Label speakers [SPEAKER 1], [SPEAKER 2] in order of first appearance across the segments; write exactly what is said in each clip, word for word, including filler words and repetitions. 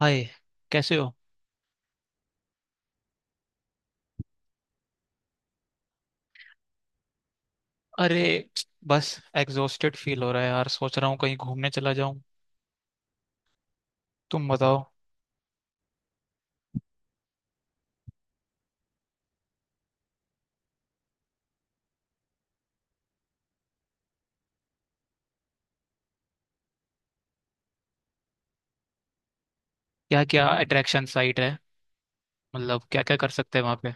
[SPEAKER 1] हाय। कैसे हो। अरे, बस एग्जॉस्टेड फील हो रहा है यार। सोच रहा हूँ कहीं घूमने चला जाऊं। तुम बताओ। क्या क्या अट्रैक्शन साइट है। मतलब क्या क्या कर सकते हैं वहाँ पे।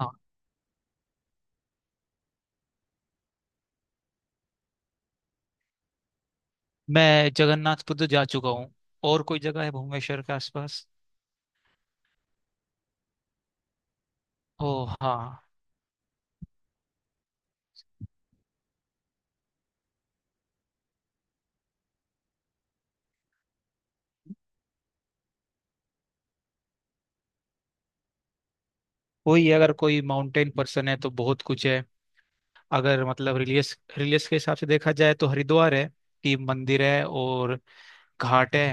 [SPEAKER 1] हाँ। मैं जगन्नाथपुरी जा चुका हूँ। और कोई जगह है भुवनेश्वर के आसपास। ओ। हाँ। वही, अगर कोई माउंटेन पर्सन है तो बहुत कुछ है। अगर मतलब रिलीजियस रिलीजियस के हिसाब से देखा जाए तो हरिद्वार है कि मंदिर है और घाट है।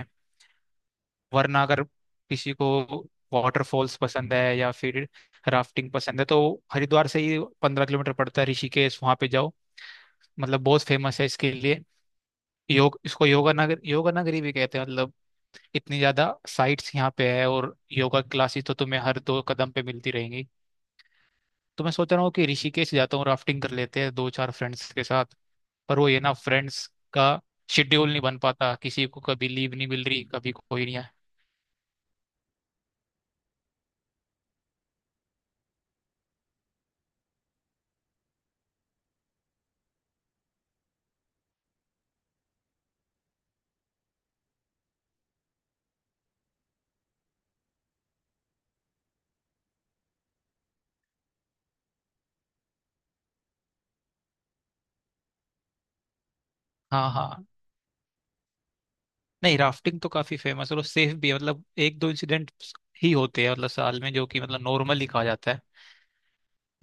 [SPEAKER 1] वरना अगर किसी को वाटरफॉल्स पसंद है या फिर राफ्टिंग पसंद है तो हरिद्वार से ही पंद्रह किलोमीटर पड़ता है ऋषिकेश, वहाँ पे जाओ। मतलब बहुत फेमस है इसके लिए। योग, इसको योगा नगर, योगा नगरी भी कहते हैं, मतलब इतनी ज्यादा साइट्स यहाँ पे है और योगा क्लासेस तो तुम्हें हर दो कदम पे मिलती रहेंगी। तो मैं सोच रहा हूँ कि ऋषिकेश जाता हूँ, राफ्टिंग कर लेते हैं दो चार फ्रेंड्स के साथ। पर वो ये ना, फ्रेंड्स का शेड्यूल नहीं बन पाता, किसी को कभी लीव नहीं मिल रही, कभी कोई नहीं है। हाँ, हाँ। नहीं, राफ्टिंग तो काफी फेमस है और सेफ भी है, मतलब एक दो इंसिडेंट ही होते हैं मतलब साल में, जो कि मतलब नॉर्मल ही कहा जाता है।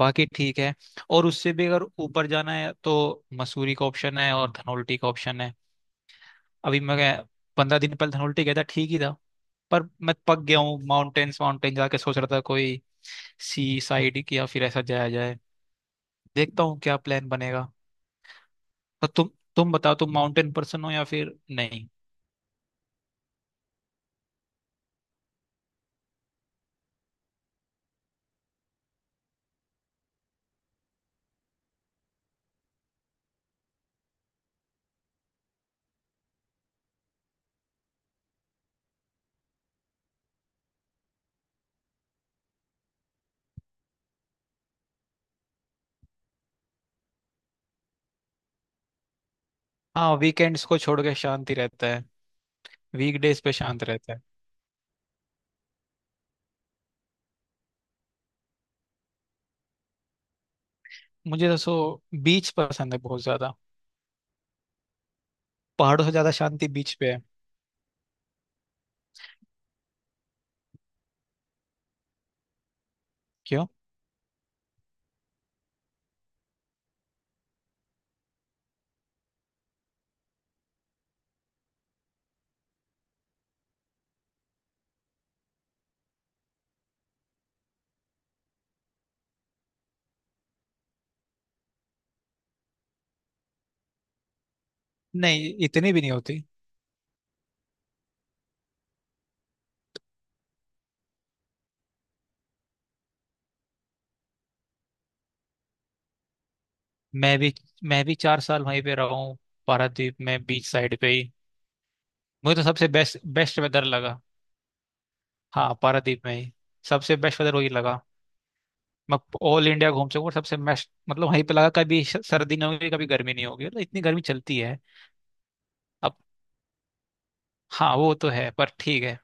[SPEAKER 1] बाकी ठीक है। और उससे भी अगर ऊपर जाना है तो मसूरी का ऑप्शन है और धनौल्टी का ऑप्शन है। अभी मैं पंद्रह दिन पहले धनौल्टी गया था, ठीक ही था। पर मैं पक गया हूँ माउंटेन्स माउंटेन जाके सोच रहा था कोई सी साइड की या फिर ऐसा जाया जाए। देखता हूँ क्या प्लान बनेगा। तो तुम तुम बताओ, तुम माउंटेन पर्सन हो या फिर नहीं। हाँ, वीकेंड्स को छोड़ के शांति रहता है। वीकडेज पे शांत रहता है। मुझे दसो बीच पसंद है बहुत ज्यादा। पहाड़ों से ज्यादा शांति बीच पे है। क्यों? नहीं, इतनी भी नहीं होती। मैं भी मैं भी चार साल वहीं पे रहा हूँ, पारादीप में, बीच साइड पे ही। मुझे तो सबसे बेस्ट बेस्ट वेदर लगा। हाँ, पारादीप में ही सबसे बेस्ट वेदर वही लगा। मैं ऑल इंडिया घूम सकूँ, सबसे बेस्ट मतलब वहीं पे लगा। कभी श- सर्दी नहीं होगी, कभी गर्मी नहीं होगी, मतलब इतनी गर्मी चलती है। अब, हाँ वो तो है पर ठीक है।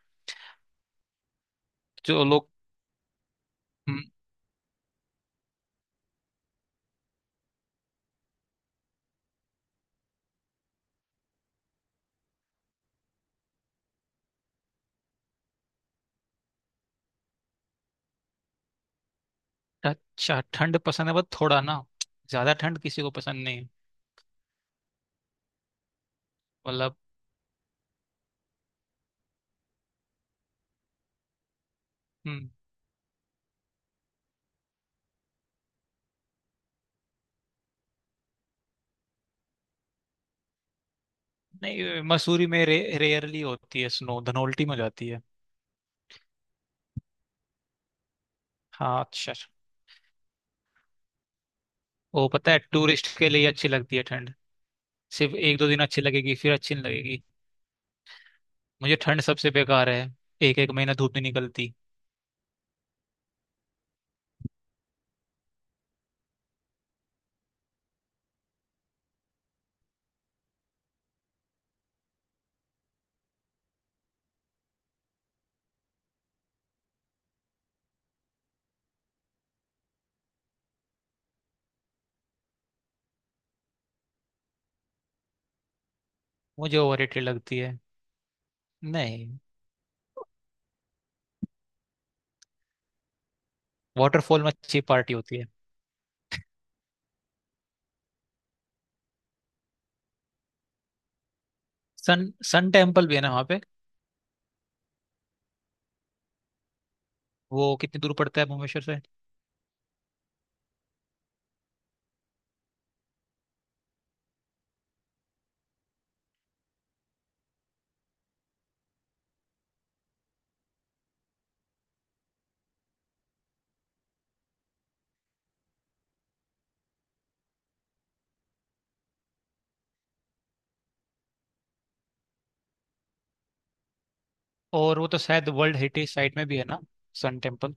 [SPEAKER 1] जो लोग। हम्म, अच्छा, ठंड पसंद है बस थोड़ा ना, ज्यादा ठंड किसी को पसंद नहीं। मतलब हम्म, नहीं, मसूरी में रे, रेयरली होती है स्नो, धनौल्टी में हो जाती है। हाँ। अच्छा। वो पता है, टूरिस्ट के लिए अच्छी लगती है ठंड। सिर्फ एक दो दिन अच्छी लगेगी, फिर अच्छी नहीं लगेगी। मुझे ठंड सबसे बेकार है। एक एक महीना धूप नहीं निकलती। मुझे ओवररेटेड लगती है। नहीं, वाटरफॉल में अच्छी पार्टी होती है। सन सन टेम्पल भी है ना वहाँ पे। वो कितनी दूर पड़ता है भुवनेश्वर से। और वो तो शायद वर्ल्ड हेरिटेज साइट में भी है ना, सन टेम्पल।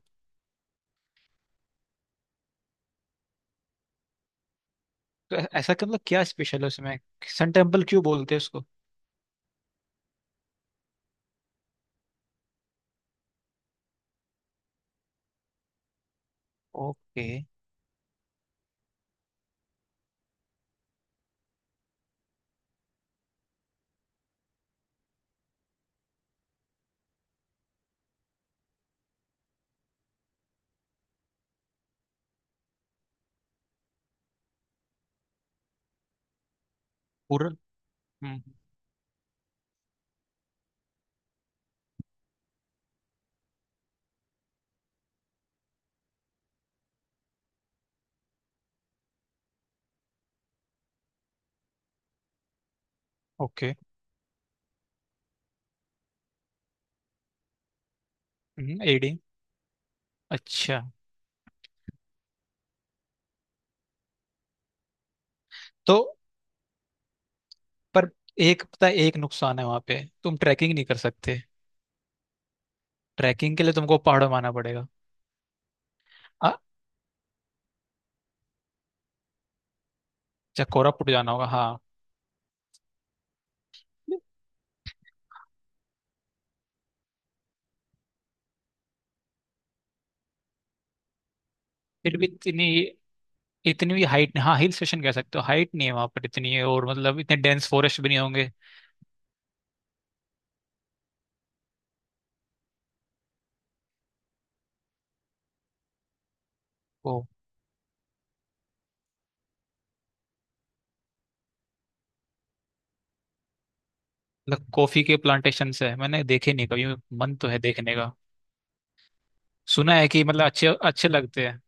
[SPEAKER 1] तो ऐ- ऐसा क्या, मतलब क्या स्पेशल है उसमें, सन टेम्पल क्यों बोलते हैं उसको। ओके। पूरा। हम्म। ओके। एडी, अच्छा। तो पर एक पता है, एक नुकसान है वहां पे, तुम ट्रैकिंग नहीं कर सकते। ट्रैकिंग के लिए तुमको पहाड़ों में आना पड़ेगा। हाँ। अच्छा, कोरापुट जाना होगा, हाँ। फिर भी इतनी, इतनी भी हाइट, हाँ हिल स्टेशन कह सकते हो, हाइट नहीं है वहां पर इतनी, है और मतलब इतने डेंस फॉरेस्ट भी नहीं होंगे। वो मतलब कॉफी के प्लांटेशन है, मैंने देखे नहीं कभी, मन तो है देखने का। सुना है कि मतलब अच्छे अच्छे लगते हैं।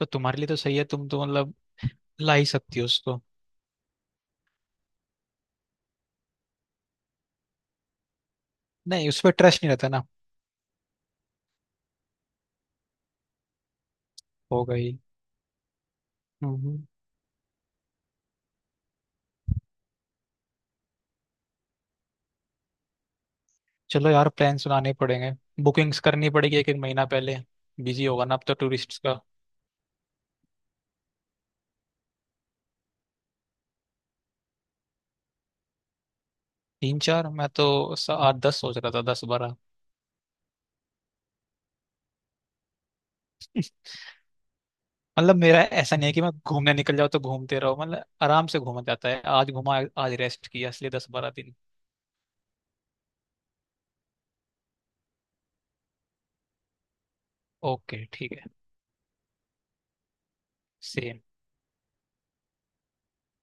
[SPEAKER 1] तो तुम्हारे लिए तो सही है, तुम तो मतलब ला ही सकती हो उसको। नहीं, उस पर ट्रस्ट नहीं रहता ना। होगा ही। चलो यार, प्लान सुनाने पड़ेंगे, बुकिंग्स करनी पड़ेगी एक एक महीना पहले। बिजी होगा ना अब तो टूरिस्ट का। तीन चार, मैं तो स- आठ दस सोच रहा था, दस बारह। मतलब मेरा ऐसा नहीं है कि मैं घूमने निकल जाऊँ तो घूमते रहो, मतलब आराम से घूमा जाता है, आज घूमा आज रेस्ट किया, इसलिए दस बारह दिन। ओके, ठीक है। सेम।